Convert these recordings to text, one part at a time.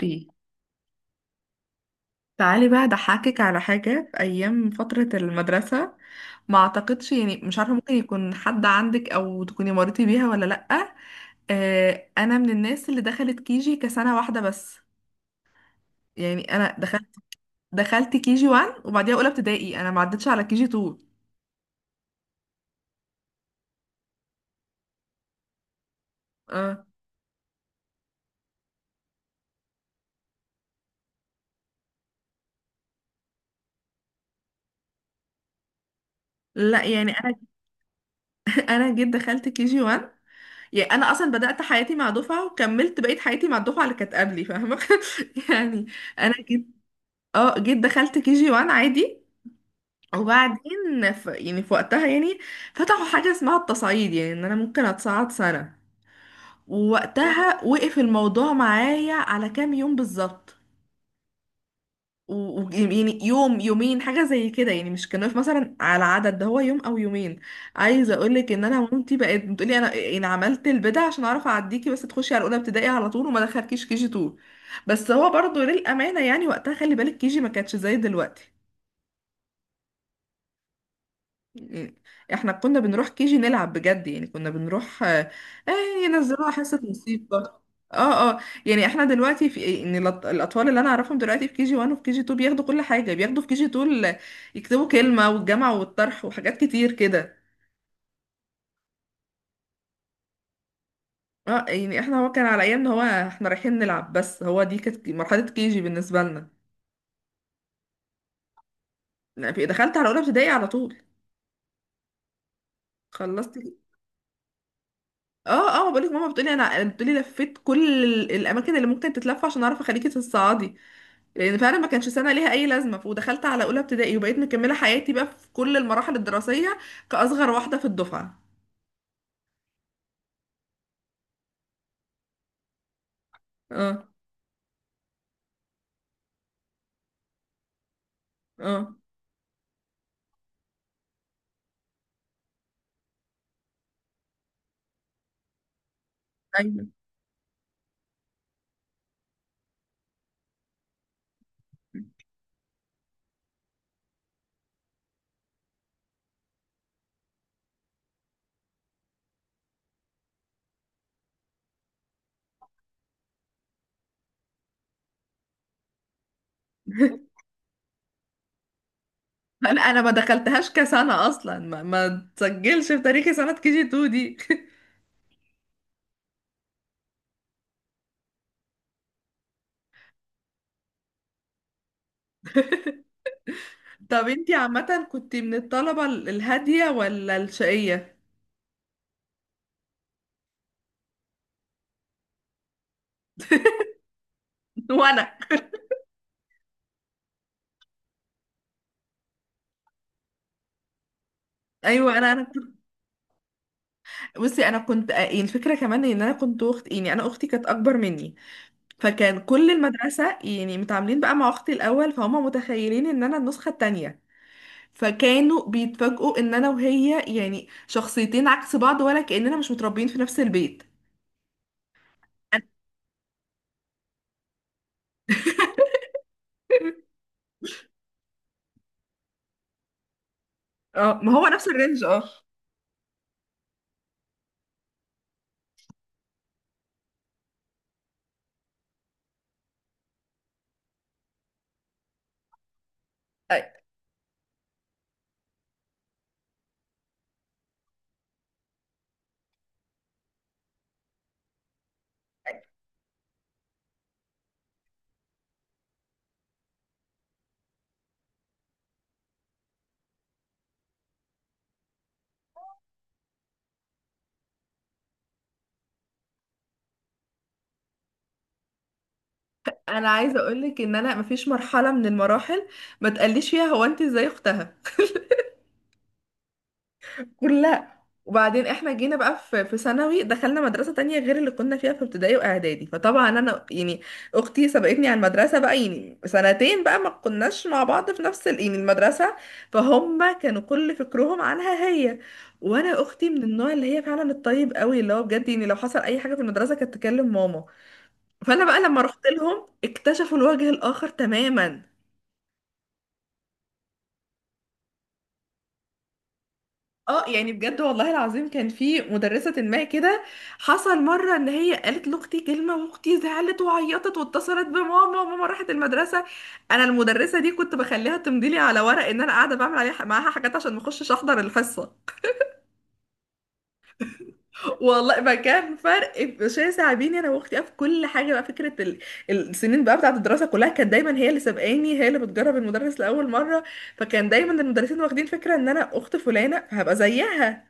اوكي، تعالي بقى اضحكك على حاجة في أيام فترة المدرسة. ما أعتقدش، يعني مش عارفة، ممكن يكون حد عندك أو تكوني مريتي بيها ولا لأ. آه، أنا من الناس اللي دخلت كيجي كسنة واحدة بس. يعني أنا دخلت كيجي 1، وبعديها أولى ابتدائي. أنا ما عدتش على كيجي 2. آه. لا، يعني أنا أنا جيت دخلت كيجي 1. يعني أنا أصلا بدأت حياتي مع دفعة، وكملت بقية حياتي مع الدفعة اللي كانت قبلي، فاهمة؟ يعني أنا جيت دخلت كيجي 1 عادي. وبعدين يعني في وقتها، يعني فتحوا حاجة اسمها التصعيد، يعني ان انا ممكن اتصعد سنة. ووقتها وقف الموضوع معايا على كام يوم بالظبط. و... يعني يوم يومين حاجة زي كده، يعني مش كان واقف مثلا على عدد. ده هو يوم او يومين. عايزة اقولك ان انا مامتي بقت بتقولي انا يعني عملت البدع عشان اعرف اعديكي، بس تخشي على اولى ابتدائي على طول وما دخلكيش كي جي 2. بس هو برضو للأمانة، يعني وقتها خلي بالك كي جي ما كانتش زي دلوقتي. إيه. احنا كنا بنروح كيجي نلعب بجد، يعني كنا بنروح. ينزلوها حصة موسيقى. اه، اه. يعني احنا دلوقتي في ان الاطفال اللي انا اعرفهم دلوقتي في كيجي 1 وفي كيجي 2 بياخدوا كل حاجة، بياخدوا في كيجي 2. يكتبوا كلمة والجمع والطرح وحاجات كتير كده. اه. يعني احنا، هو كان على ايامنا، هو احنا رايحين نلعب، بس هو دي كانت مرحلة كيجي بالنسبة لنا. لا، دخلت على اولى ابتدائي على طول. خلصت. اه، اه. بقول لك ماما بتقولي انا بتقولي لفيت كل الاماكن اللي ممكن تتلف، عشان اعرف اخليكي تتصعدي. لان فعلا ما كانش سنه ليها اي لازمه، ودخلت على اولى ابتدائي، وبقيت مكمله حياتي بقى في كل المراحل الدراسيه، كاصغر واحده في الدفعه. اه، اه، ايوه. لا، انا ما دخلتهاش كسنه اصلا، ما تسجلش في تاريخي سنه كي جي 2 دي طب انتي عامه كنت من الطلبه الهاديه ولا الشقيه؟ وانا، ايوه، انا بصي، انا كنت، الفكره كمان ان انا كنت اخت، يعني انا اختي كانت اكبر مني. فكان كل المدرسة يعني متعاملين بقى مع أختي الأول، فهم متخيلين إن أنا النسخة التانية. فكانوا بيتفاجئوا إن أنا وهي يعني شخصيتين عكس بعض، ولا كأننا مش متربيين في نفس البيت. اه، ما هو نفس الرينج. اه أنا عايزة أقولك إن أنا مفيش مرحلة من المراحل ما تقليش فيها هو أنت إزاي أختها، كلها. وبعدين احنا جينا بقى في ثانوي، دخلنا مدرسة تانية غير اللي كنا فيها في ابتدائي واعدادي. فطبعا انا يعني اختي سبقتني على المدرسة بقى يعني سنتين، بقى ما كناش مع بعض في نفس يعني المدرسة. فهم كانوا كل فكرهم عنها هي. وانا اختي من النوع اللي هي فعلا الطيب قوي، اللي هو بجد يعني لو حصل اي حاجة في المدرسة كانت تكلم ماما. فانا بقى لما رحت لهم اكتشفوا الوجه الاخر تماما. اه. يعني بجد والله العظيم كان في مدرسة ما كده. حصل مرة ان هي قالت لاختي كلمة، واختي زعلت وعيطت، واتصلت بماما، وماما راحت المدرسة. انا المدرسة دي كنت بخليها تمضي لي على ورق ان انا قاعدة بعمل عليها معاها حاجات عشان ما اخشش احضر الحصة. والله ما كان فرق شاسع بيني انا واختي في كل حاجة، بقى فكرة السنين بقى بتاعة الدراسة كلها كانت دايما هي اللي سابقاني، هي اللي بتجرب المدرس لأول مرة. فكان دايما المدرسين واخدين فكرة ان انا اخت فلانة فهبقى زيها.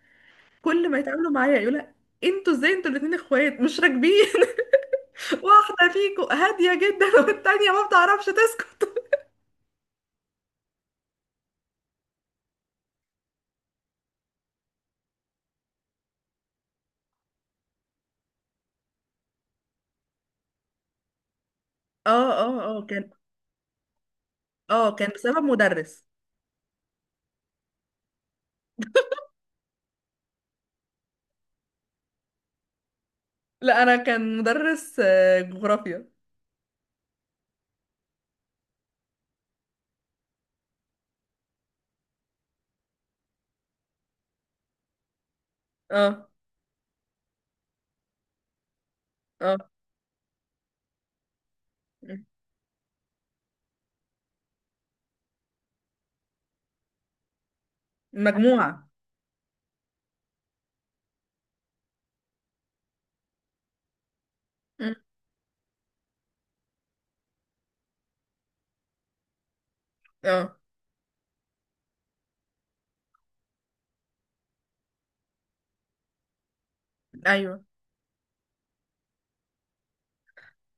كل ما يتعاملوا معايا يقولوا لها، انتوا ازاي؟ انتوا الاتنين اخوات مش راكبين واحده فيكم هاديه جدا والتانيه ما بتعرفش تسكت. اه، اه، اه، كان بسبب مدرس. لا، انا كان مدرس جغرافيا. اه. اه. م. مجموعه. م. اه. ايوه.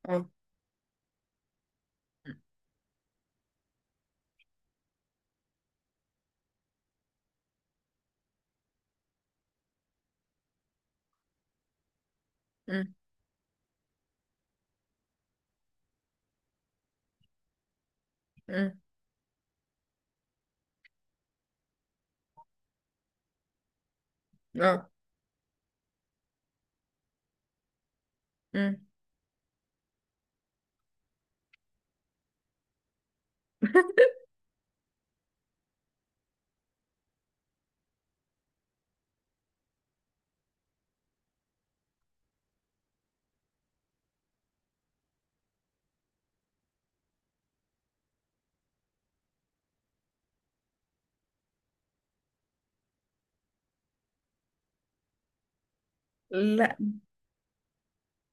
اه. م. م. م. اه. م.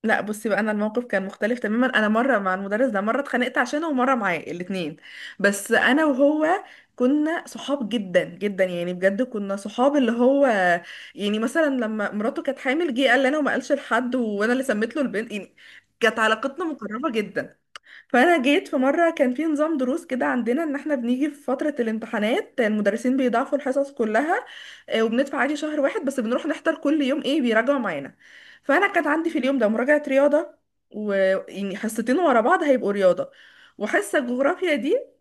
لا، بصي بقى، انا الموقف كان مختلف تماما. انا مره مع المدرس ده، مره اتخانقت عشانه، ومره معاه الاتنين. بس انا وهو كنا صحاب جدا جدا، يعني بجد كنا صحاب، اللي هو يعني مثلا لما مراته كانت حامل جه قال لي انا، وما قالش لحد، وانا اللي سميت له البنت يعني. كانت علاقتنا مقربه جدا. فانا جيت، في مره كان في نظام دروس كده عندنا، ان احنا بنيجي في فتره الامتحانات المدرسين بيضاعفوا الحصص كلها. وبندفع عادي شهر واحد بس بنروح نحضر كل يوم، ايه بيراجعوا معانا. فانا كانت عندي في اليوم ده مراجعه رياضه، ويعني حصتين ورا بعض هيبقوا رياضه، وحصه جغرافيا دي.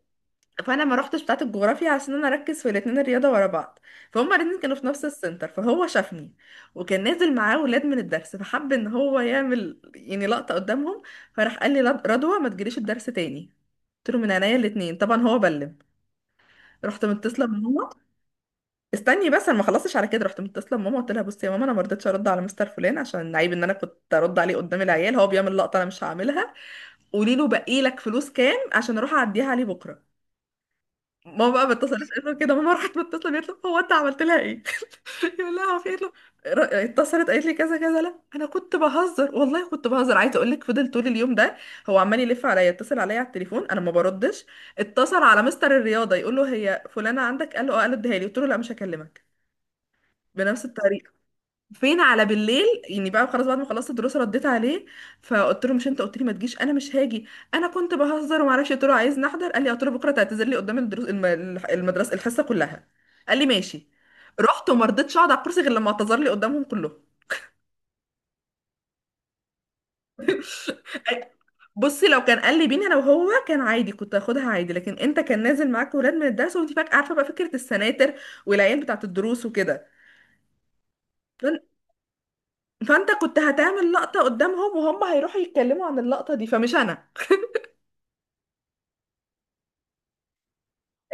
فانا ما روحتش بتاعه الجغرافيا، عشان انا اركز في الاثنين الرياضه ورا بعض. فهم الاثنين كانوا في نفس السنتر، فهو شافني. وكان نازل معاه ولاد من الدرس، فحب ان هو يعمل يعني لقطه قدامهم. فراح قال لي: رضوى ما تجريش الدرس تاني. قلت له: من عينيا الاثنين. طبعا هو بلم. رحت متصله بماما. استني بس، انا ما خلصتش. على كده رحت متصله بماما قلت لها: بصي يا ماما، انا ما رضيتش ارد على مستر فلان عشان عيب ان انا كنت ارد عليه قدام العيال. هو بيعمل لقطه انا مش هعملها. قولي له باقي لك فلوس كام عشان اروح اعديها عليه بكره. ماما بقى بتصل اسال كده، ماما راحت متصله قالت له: هو انت عملت لها ايه؟ يقول لها: هو في إيه؟ قالت له: اتصلت قالت لي كذا كذا. لا انا كنت بهزر والله كنت بهزر. عايزه اقول لك فضل طول اليوم ده هو عمال يلف عليا، يتصل عليا على التليفون، انا ما بردش. اتصل على مستر الرياضه يقول له: هي فلانه عندك؟ قال له: اه. قال له: اديها لي. قلت له: لا مش هكلمك. بنفس الطريقه. فين على بالليل يعني بقى خلاص بعد ما خلصت الدروس رديت عليه. فقلت له: مش انت قلت لي ما تجيش؟ انا مش هاجي. انا كنت بهزر وما اعرفش. قلت له: عايز نحضر. قال لي، قلت له: بكره تعتذر لي قدام الدروس، المدرسه الحصه كلها. قال لي: ماشي. رحت وما رضيتش اقعد على الكرسي غير لما اعتذر لي قدامهم كلهم. أي- بصي، لو كان قال لي بيني انا وهو كان عادي، كنت هاخدها عادي. لكن انت كان نازل معاك ولاد من الدرس، وانت فاكره عارفه بقى فكره السناتر والعيال بتاعه الدروس وكده. فان- فانت كنت هتعمل لقطه قدامهم، وهم هيروحوا يتكلموا عن اللقطه دي، فمش انا.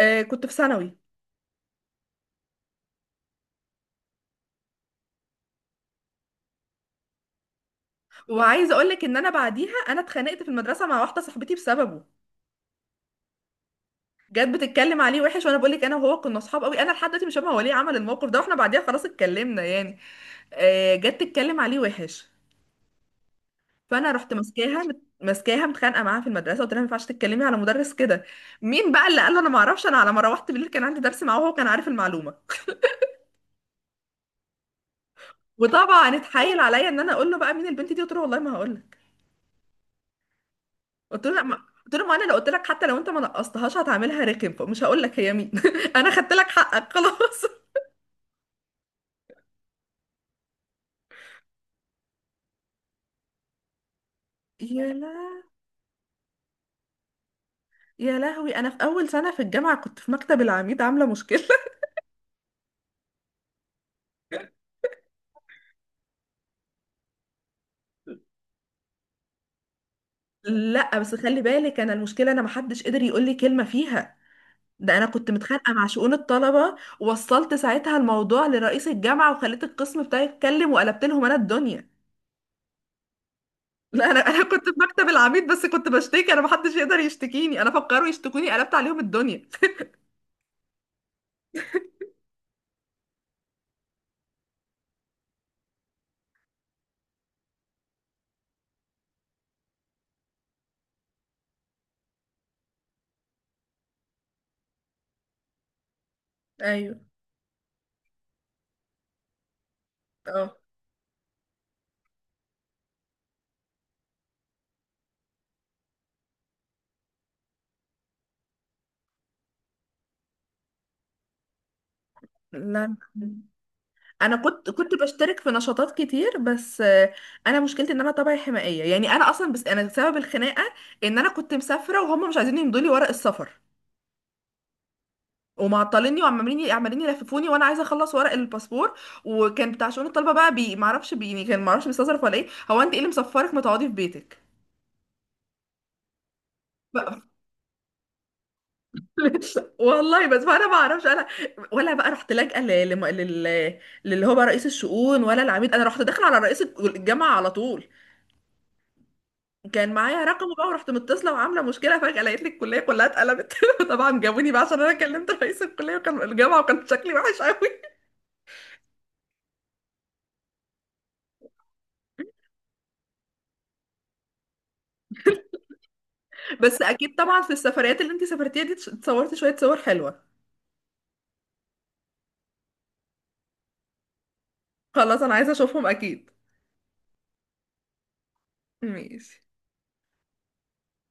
آه، كنت في ثانوي. وعايزه اقول لك ان انا بعديها انا اتخانقت في المدرسه مع واحده صاحبتي بسببه. جت بتتكلم عليه وحش. وانا بقول لك انا وهو كنا اصحاب قوي، انا لحد دلوقتي مش فاهمه هو ليه عمل الموقف ده، واحنا بعديها خلاص اتكلمنا يعني. جت تتكلم عليه وحش. فانا رحت ماسكاها متخانقه معاها في المدرسه قلت لها: ما ينفعش تتكلمي على مدرس كده. مين بقى اللي قال له؟ انا ما اعرفش. انا على ما روحت بالليل كان عندي درس معاه وهو كان عارف المعلومه. وطبعا اتحايل عليا ان انا اقول له بقى مين البنت دي، قلت له: والله ما هقول. قلت له لا ما قلت له: ما انا لو قلت لك، حتى لو انت ما نقصتهاش هتعملها رخم، فمش هقول لك هي مين انا خدت لك حقك خلاص. يا لا. يا لهوي، انا في اول سنه في الجامعه كنت في مكتب العميد عامله مشكله لا بس خلي بالك، انا المشكله انا ما حدش قدر يقول لي كلمه فيها. ده انا كنت متخانقه مع شؤون الطلبه، ووصلت ساعتها الموضوع لرئيس الجامعه، وخليت القسم بتاعي يتكلم، وقلبت لهم انا الدنيا. لا، انا كنت في مكتب العميد بس كنت بشتكي، انا ما حدش يقدر يشتكيني انا، فكروا يشتكوني قلبت عليهم الدنيا. ايوه. اه. لا انا كنت بشترك في نشاطات كتير بس، انا مشكلتي ان انا طبعي حمائيه، يعني انا اصلا بس انا سبب الخناقه، ان انا كنت مسافره وهم مش عايزين يمضوا لي ورق السفر. ومعطليني وعمالين عمالين يلففوني، وانا عايزه اخلص ورق الباسبور. وكان بتاع شؤون الطلبه بقى، بي معرفش بي، يعني كان معرفش بيستظرف ولا ايه. هو انت ايه اللي مسفرك؟ ما تقعدي في بيتك. بقى- والله بس انا ما اعرفش انا. ولا بقى رحت لاجئه ل- لم- لل للي هو بقى رئيس الشؤون ولا العميد، انا رحت داخله على رئيس الجامعه على طول. كان معايا رقمه بقى، ورحت متصله وعامله مشكله فجاه لقيت لي الكليه كلها اتقلبت طبعا جابوني بقى عشان انا كلمت رئيس الكليه وكان الجامعه، وكان شكلي وحش قوي. بس اكيد طبعا في السفريات اللي انتي سافرتيها دي اتصورتي شويه صور حلوه؟ خلاص، انا عايزه اشوفهم اكيد. ماشي.